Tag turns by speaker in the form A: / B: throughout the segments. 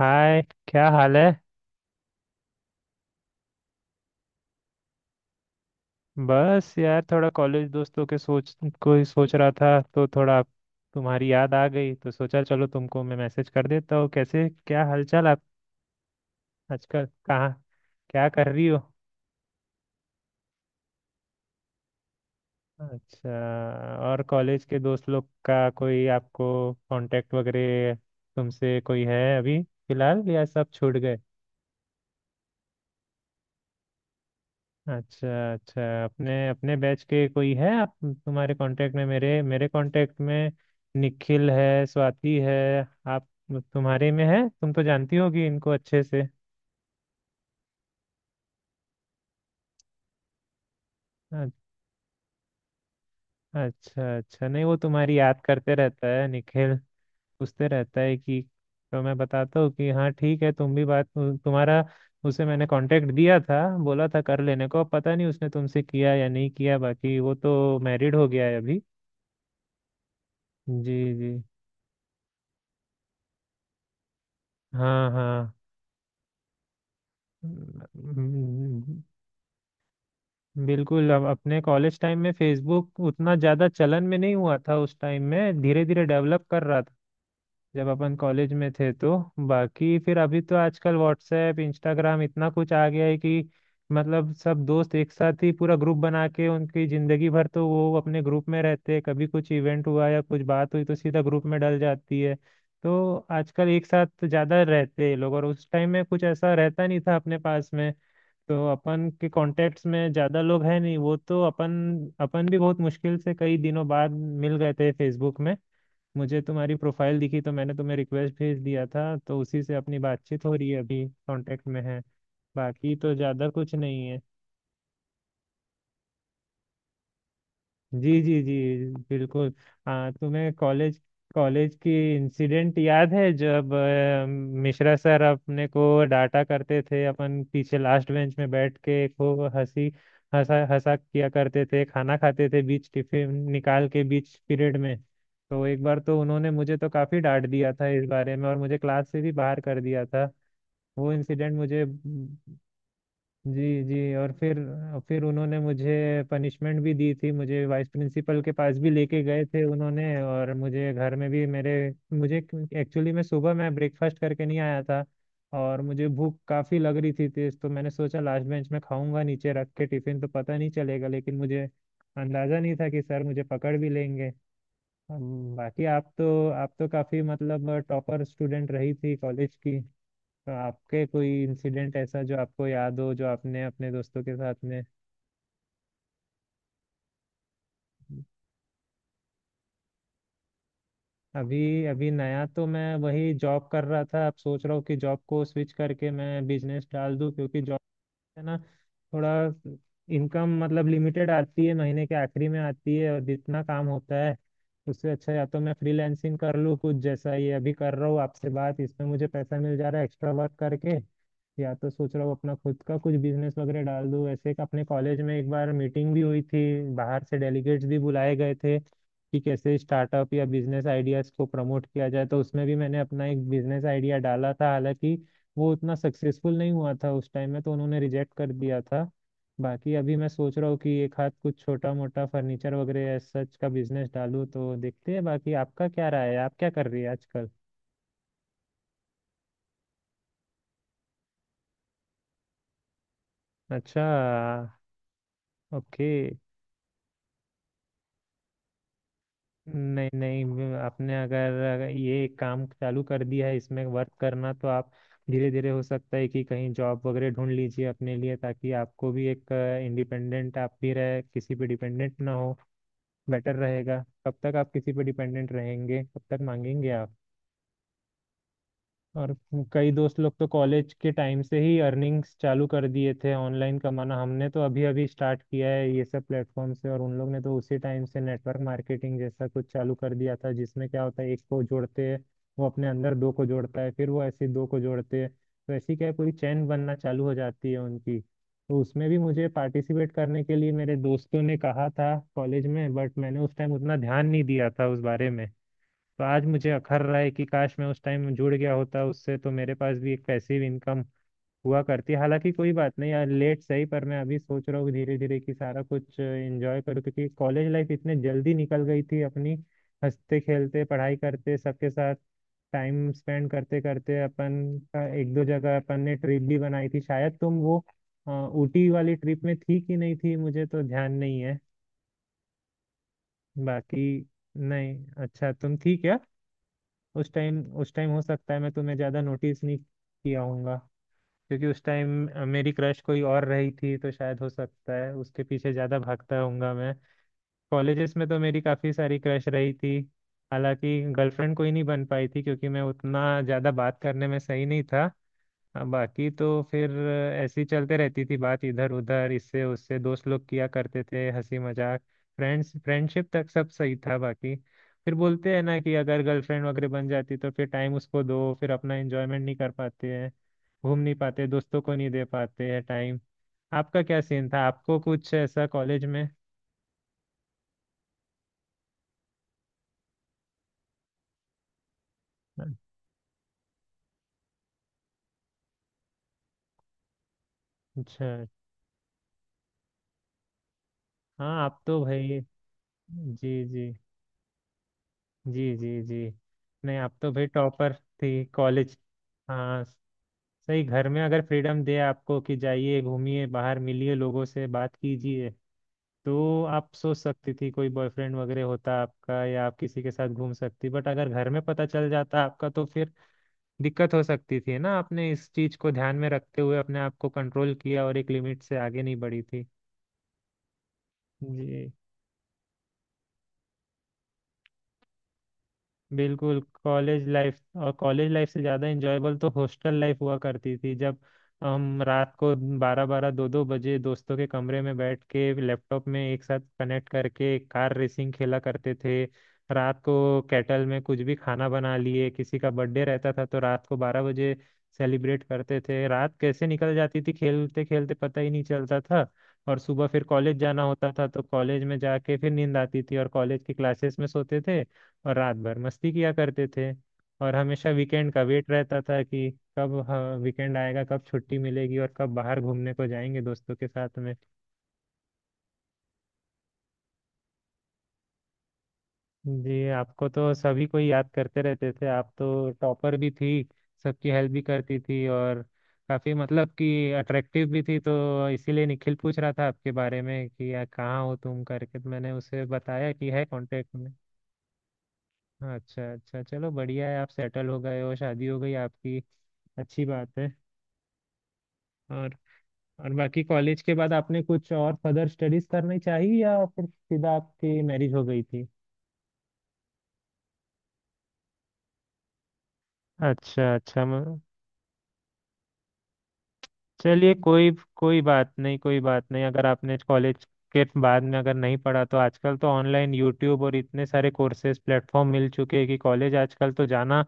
A: हाय। क्या हाल है। बस यार थोड़ा कॉलेज दोस्तों के सोच को ही सोच रहा था तो थोड़ा तुम्हारी याद आ गई तो सोचा चलो तुमको मैं मैसेज कर देता हूँ। कैसे क्या हालचाल आप। आजकल कहाँ क्या कर रही हो। अच्छा, और कॉलेज के दोस्त लोग का कोई आपको कांटेक्ट वगैरह तुमसे कोई है अभी फिलहाल, या सब छूट गए। अच्छा अच्छा। अपने अपने बैच के कोई है आप तुम्हारे कांटेक्ट में, मेरे मेरे कांटेक्ट में निखिल है, स्वाति है। आप तुम्हारे में है, तुम तो जानती होगी इनको अच्छे से। अ- अच्छा अच्छा, नहीं वो तुम्हारी याद करते रहता है निखिल, पूछते रहता है कि। तो मैं बताता हूँ कि हाँ ठीक है, तुम भी बात तुम्हारा उसे मैंने कांटेक्ट दिया था, बोला था कर लेने को, अब पता नहीं उसने तुमसे किया या नहीं किया। बाकी वो तो मैरिड हो गया है अभी। जी। जी। हाँ हाँ। हम्म, बिल्कुल। अब अपने कॉलेज टाइम में फेसबुक उतना ज़्यादा चलन में नहीं हुआ था, उस टाइम में धीरे धीरे डेवलप कर रहा था जब अपन कॉलेज में थे तो। बाकी फिर अभी तो आजकल व्हाट्सएप इंस्टाग्राम इतना कुछ आ गया है कि, मतलब सब दोस्त एक साथ ही पूरा ग्रुप बना के उनकी ज़िंदगी भर तो वो अपने ग्रुप में रहते हैं, कभी कुछ इवेंट हुआ या कुछ बात हुई तो सीधा ग्रुप में डल जाती है। तो आजकल एक साथ ज़्यादा रहते हैं लोग, और उस टाइम में कुछ ऐसा रहता नहीं था अपने पास में। तो अपन के कॉन्टेक्ट्स में ज्यादा लोग हैं नहीं, वो तो अपन अपन भी बहुत मुश्किल से कई दिनों बाद मिल गए थे फेसबुक में। मुझे तुम्हारी प्रोफाइल दिखी तो मैंने तुम्हें रिक्वेस्ट भेज दिया था, तो उसी से अपनी बातचीत हो रही है, अभी कांटेक्ट में है। बाकी तो ज्यादा कुछ नहीं है। जी जी जी, बिल्कुल। हाँ तुम्हें कॉलेज, कॉलेज की इंसिडेंट याद है जब मिश्रा सर अपने को डांटा करते थे, अपन पीछे लास्ट बेंच में बैठ के खूब हंसी हंसा हंसा किया करते थे, खाना खाते थे बीच टिफिन निकाल के बीच पीरियड में। तो एक बार तो उन्होंने मुझे तो काफी डांट दिया था इस बारे में, और मुझे क्लास से भी बाहर कर दिया था। वो इंसिडेंट मुझे। जी जी। और फिर उन्होंने मुझे पनिशमेंट भी दी थी, मुझे वाइस प्रिंसिपल के पास भी लेके गए थे उन्होंने, और मुझे घर में भी मेरे, मुझे, एक्चुअली मैं सुबह मैं ब्रेकफास्ट करके नहीं आया था और मुझे भूख काफ़ी लग रही थी तेज, तो मैंने सोचा लास्ट बेंच में खाऊंगा नीचे रख के टिफिन तो पता नहीं चलेगा, लेकिन मुझे अंदाज़ा नहीं था कि सर मुझे पकड़ भी लेंगे। बाकी आप तो काफ़ी मतलब टॉपर स्टूडेंट रही थी कॉलेज की। तो आपके कोई इंसिडेंट ऐसा जो आपको याद हो जो आपने अपने दोस्तों के साथ में। अभी अभी नया तो मैं वही जॉब कर रहा था, अब सोच रहा हूँ कि जॉब को स्विच करके मैं बिजनेस डाल दूँ क्योंकि जॉब है ना, थोड़ा इनकम मतलब लिमिटेड आती है, महीने के आखिरी में आती है और जितना काम होता है उससे, अच्छा या तो मैं फ्रीलैंसिंग कर लूँ कुछ जैसा ये अभी कर रहा हूँ आपसे बात, इसमें मुझे पैसा मिल जा रहा है एक्स्ट्रा वर्क करके। या तो सोच रहा हूँ अपना खुद का कुछ बिजनेस वगैरह डाल दूँ। ऐसे एक अपने कॉलेज में एक बार मीटिंग भी हुई थी, बाहर से डेलीगेट्स भी बुलाए गए थे कि कैसे स्टार्टअप या बिजनेस आइडियाज को प्रमोट किया जाए, तो उसमें भी मैंने अपना एक बिजनेस आइडिया डाला था, हालांकि वो उतना सक्सेसफुल नहीं हुआ था उस टाइम में तो उन्होंने रिजेक्ट कर दिया था। बाकी अभी मैं सोच रहा हूँ कि एक हाथ कुछ छोटा मोटा फर्नीचर वगैरह ऐसा सच का बिजनेस डालूँ, तो देखते हैं। बाकी आपका क्या राय है, आप क्या कर रही है आजकल। अच्छा। ओके। नहीं नहीं, मैं-, आपने अगर अगर ये काम चालू कर दिया है इसमें वर्क करना तो आप धीरे धीरे, हो सकता है कि कहीं जॉब वगैरह ढूंढ लीजिए अपने लिए, ताकि आपको भी एक इंडिपेंडेंट, आप भी रहे, किसी पे डिपेंडेंट ना हो, बेटर रहेगा। कब तक आप किसी पे डिपेंडेंट रहेंगे, कब तक मांगेंगे आप। और कई दोस्त लोग तो कॉलेज के टाइम से ही अर्निंग्स चालू कर दिए थे, ऑनलाइन कमाना, हमने तो अभी अभी स्टार्ट किया है ये सब प्लेटफॉर्म से, और उन लोग ने तो उसी टाइम से नेटवर्क मार्केटिंग जैसा कुछ चालू कर दिया था, जिसमें क्या होता है एक को जोड़ते हैं, वो अपने अंदर दो को जोड़ता है, फिर वो ऐसे दो को जोड़ते हैं तो ऐसी क्या है पूरी चैन बनना चालू हो जाती है उनकी। तो उसमें भी मुझे पार्टिसिपेट करने के लिए मेरे दोस्तों ने कहा था कॉलेज में, बट मैंने उस टाइम उतना ध्यान नहीं दिया था उस बारे में। तो आज मुझे अखर रहा है कि काश मैं उस टाइम जुड़ गया होता उससे, तो मेरे पास भी एक पैसिव इनकम हुआ करती। हालांकि कोई बात नहीं यार, लेट सही पर मैं अभी सोच रहा हूँ धीरे धीरे कि सारा कुछ एंजॉय करूँ, क्योंकि कॉलेज लाइफ इतने जल्दी निकल गई थी अपनी हंसते खेलते पढ़ाई करते सबके साथ टाइम स्पेंड करते करते अपन का। एक दो जगह अपन ने ट्रिप भी बनाई थी, शायद तुम वो ऊटी वाली ट्रिप में थी कि नहीं थी मुझे तो ध्यान नहीं है, बाकी। नहीं, अच्छा तुम थी क्या। उस टाइम हो सकता है मैं तुम्हें ज़्यादा नोटिस नहीं किया होऊंगा, क्योंकि उस टाइम मेरी क्रश कोई और रही थी तो शायद हो सकता है उसके पीछे ज़्यादा भागता होऊंगा मैं। कॉलेजेस में तो मेरी काफ़ी सारी क्रश रही थी, हालांकि गर्लफ्रेंड कोई नहीं बन पाई थी क्योंकि मैं उतना ज़्यादा बात करने में सही नहीं था। हाँ, बाकी तो फिर ऐसी चलते रहती थी बात इधर उधर इससे उससे, दोस्त लोग किया करते थे हंसी मजाक, फ्रेंड्स फ्रेंडशिप तक सब सही था। बाकी फिर बोलते हैं ना कि अगर गर्लफ्रेंड वगैरह बन जाती तो फिर टाइम उसको दो, फिर अपना एंजॉयमेंट नहीं कर पाते हैं, घूम नहीं पाते, दोस्तों को नहीं दे पाते हैं टाइम। आपका क्या सीन था, आपको कुछ ऐसा कॉलेज में। अच्छा। हाँ आप तो भाई, जी जी जी, जी जी, नहीं आप तो भाई टॉपर थी कॉलेज। हाँ सही, घर में अगर फ्रीडम दे आपको कि जाइए घूमिए बाहर मिलिए लोगों से बात कीजिए तो आप सोच सकती थी कोई बॉयफ्रेंड वगैरह होता आपका या आप किसी के साथ घूम सकती, बट अगर घर में पता चल जाता आपका तो फिर दिक्कत हो सकती थी ना, आपने इस चीज को ध्यान में रखते हुए अपने आप को कंट्रोल किया और एक लिमिट से आगे नहीं बढ़ी थी। जी। बिल्कुल, कॉलेज लाइफ और कॉलेज लाइफ से ज़्यादा इंजॉयबल तो हॉस्टल लाइफ हुआ करती थी, जब हम रात को 12, 12, 2, 2 बजे दोस्तों के कमरे में बैठ के लैपटॉप में एक साथ कनेक्ट करके कार रेसिंग खेला करते थे, रात को कैटल में कुछ भी खाना बना लिए, किसी का बर्थडे रहता था तो रात को 12 बजे सेलिब्रेट करते थे, रात कैसे निकल जाती थी खेलते खेलते पता ही नहीं चलता था। और सुबह फिर कॉलेज जाना होता था तो कॉलेज में जाके फिर नींद आती थी और कॉलेज की क्लासेस में सोते थे, और रात भर मस्ती किया करते थे। और हमेशा वीकेंड का वेट रहता था कि कब वीकेंड आएगा, कब छुट्टी मिलेगी और कब बाहर घूमने को जाएंगे दोस्तों के साथ में। जी, आपको तो सभी को याद करते रहते थे, आप तो टॉपर भी थी, सबकी हेल्प भी करती थी और काफी मतलब कि अट्रैक्टिव भी थी, तो इसीलिए निखिल पूछ रहा था आपके बारे में कि यार कहाँ हो तुम करके, तो मैंने उसे बताया कि है कांटेक्ट में। अच्छा अच्छा, चलो बढ़िया है, आप सेटल हो गए हो, शादी हो गई आपकी, अच्छी बात है। और और बाकी कॉलेज के बाद आपने कुछ और फर्दर स्टडीज करनी चाहिए, या फिर सीधा आपकी मैरिज हो गई थी। अच्छा अच्छा। चलिए कोई, कोई बात नहीं, कोई बात नहीं। अगर आपने कॉलेज के बाद में अगर नहीं पढ़ा तो आजकल तो ऑनलाइन यूट्यूब और इतने सारे कोर्सेज प्लेटफॉर्म मिल चुके हैं कि कॉलेज आजकल तो जाना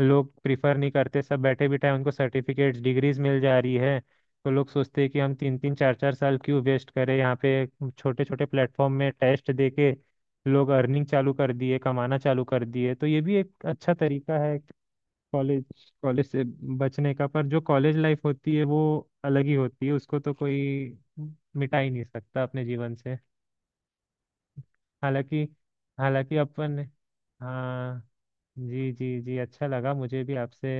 A: लोग प्रिफर नहीं करते, सब बैठे बिठाए उनको सर्टिफिकेट्स डिग्रीज मिल जा रही है। तो लोग सोचते हैं कि हम 3, 3, 4, 4 साल क्यों वेस्ट करें यहाँ पे, छोटे छोटे प्लेटफॉर्म में टेस्ट दे के लोग अर्निंग चालू कर दिए, कमाना चालू कर दिए, तो ये भी एक अच्छा तरीका है कॉलेज, कॉलेज से बचने का। पर जो कॉलेज लाइफ होती है वो अलग ही होती है, उसको तो कोई मिटा ही नहीं सकता अपने जीवन से। हालांकि, अपन। हाँ जी जी जी, अच्छा लगा मुझे भी आपसे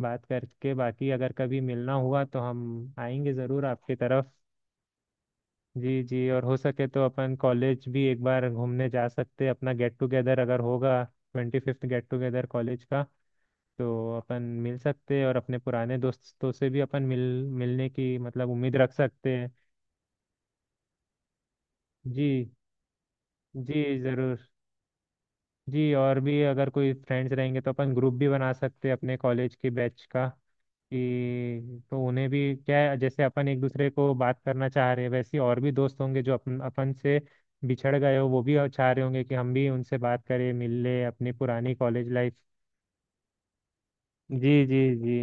A: बात करके। बाकी अगर कभी मिलना हुआ तो हम आएंगे ज़रूर आपकी तरफ। जी जी, और हो सके तो अपन कॉलेज भी एक बार घूमने जा सकते हैं, अपना गेट टुगेदर अगर होगा, 25th गेट टुगेदर कॉलेज का, तो अपन मिल सकते हैं और अपने पुराने दोस्तों से भी अपन, मिलने की मतलब उम्मीद रख सकते हैं। जी, जी ज़रूर। जी और भी अगर कोई फ्रेंड्स रहेंगे तो अपन ग्रुप भी बना सकते हैं अपने कॉलेज के बैच का कि, तो उन्हें भी क्या है जैसे अपन एक दूसरे को बात करना चाह रहे हैं वैसे ही और भी दोस्त होंगे जो अपन अपन से बिछड़ गए हो, वो भी चाह रहे होंगे कि हम भी उनसे बात करें, मिल ले अपनी पुरानी कॉलेज लाइफ। जी जी जी,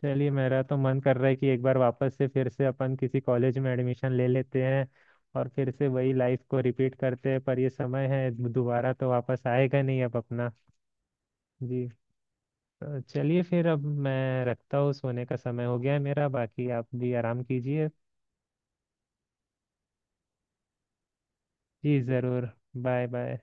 A: चलिए मेरा तो मन कर रहा है कि एक बार वापस से फिर से अपन किसी कॉलेज में एडमिशन ले लेते हैं और फिर से वही लाइफ को रिपीट करते हैं, पर ये समय है दोबारा तो वापस आएगा नहीं अब अपना। जी, तो चलिए फिर अब मैं रखता हूँ, सोने का समय हो गया है मेरा, बाकी आप भी आराम कीजिए। जी ज़रूर, बाय बाय।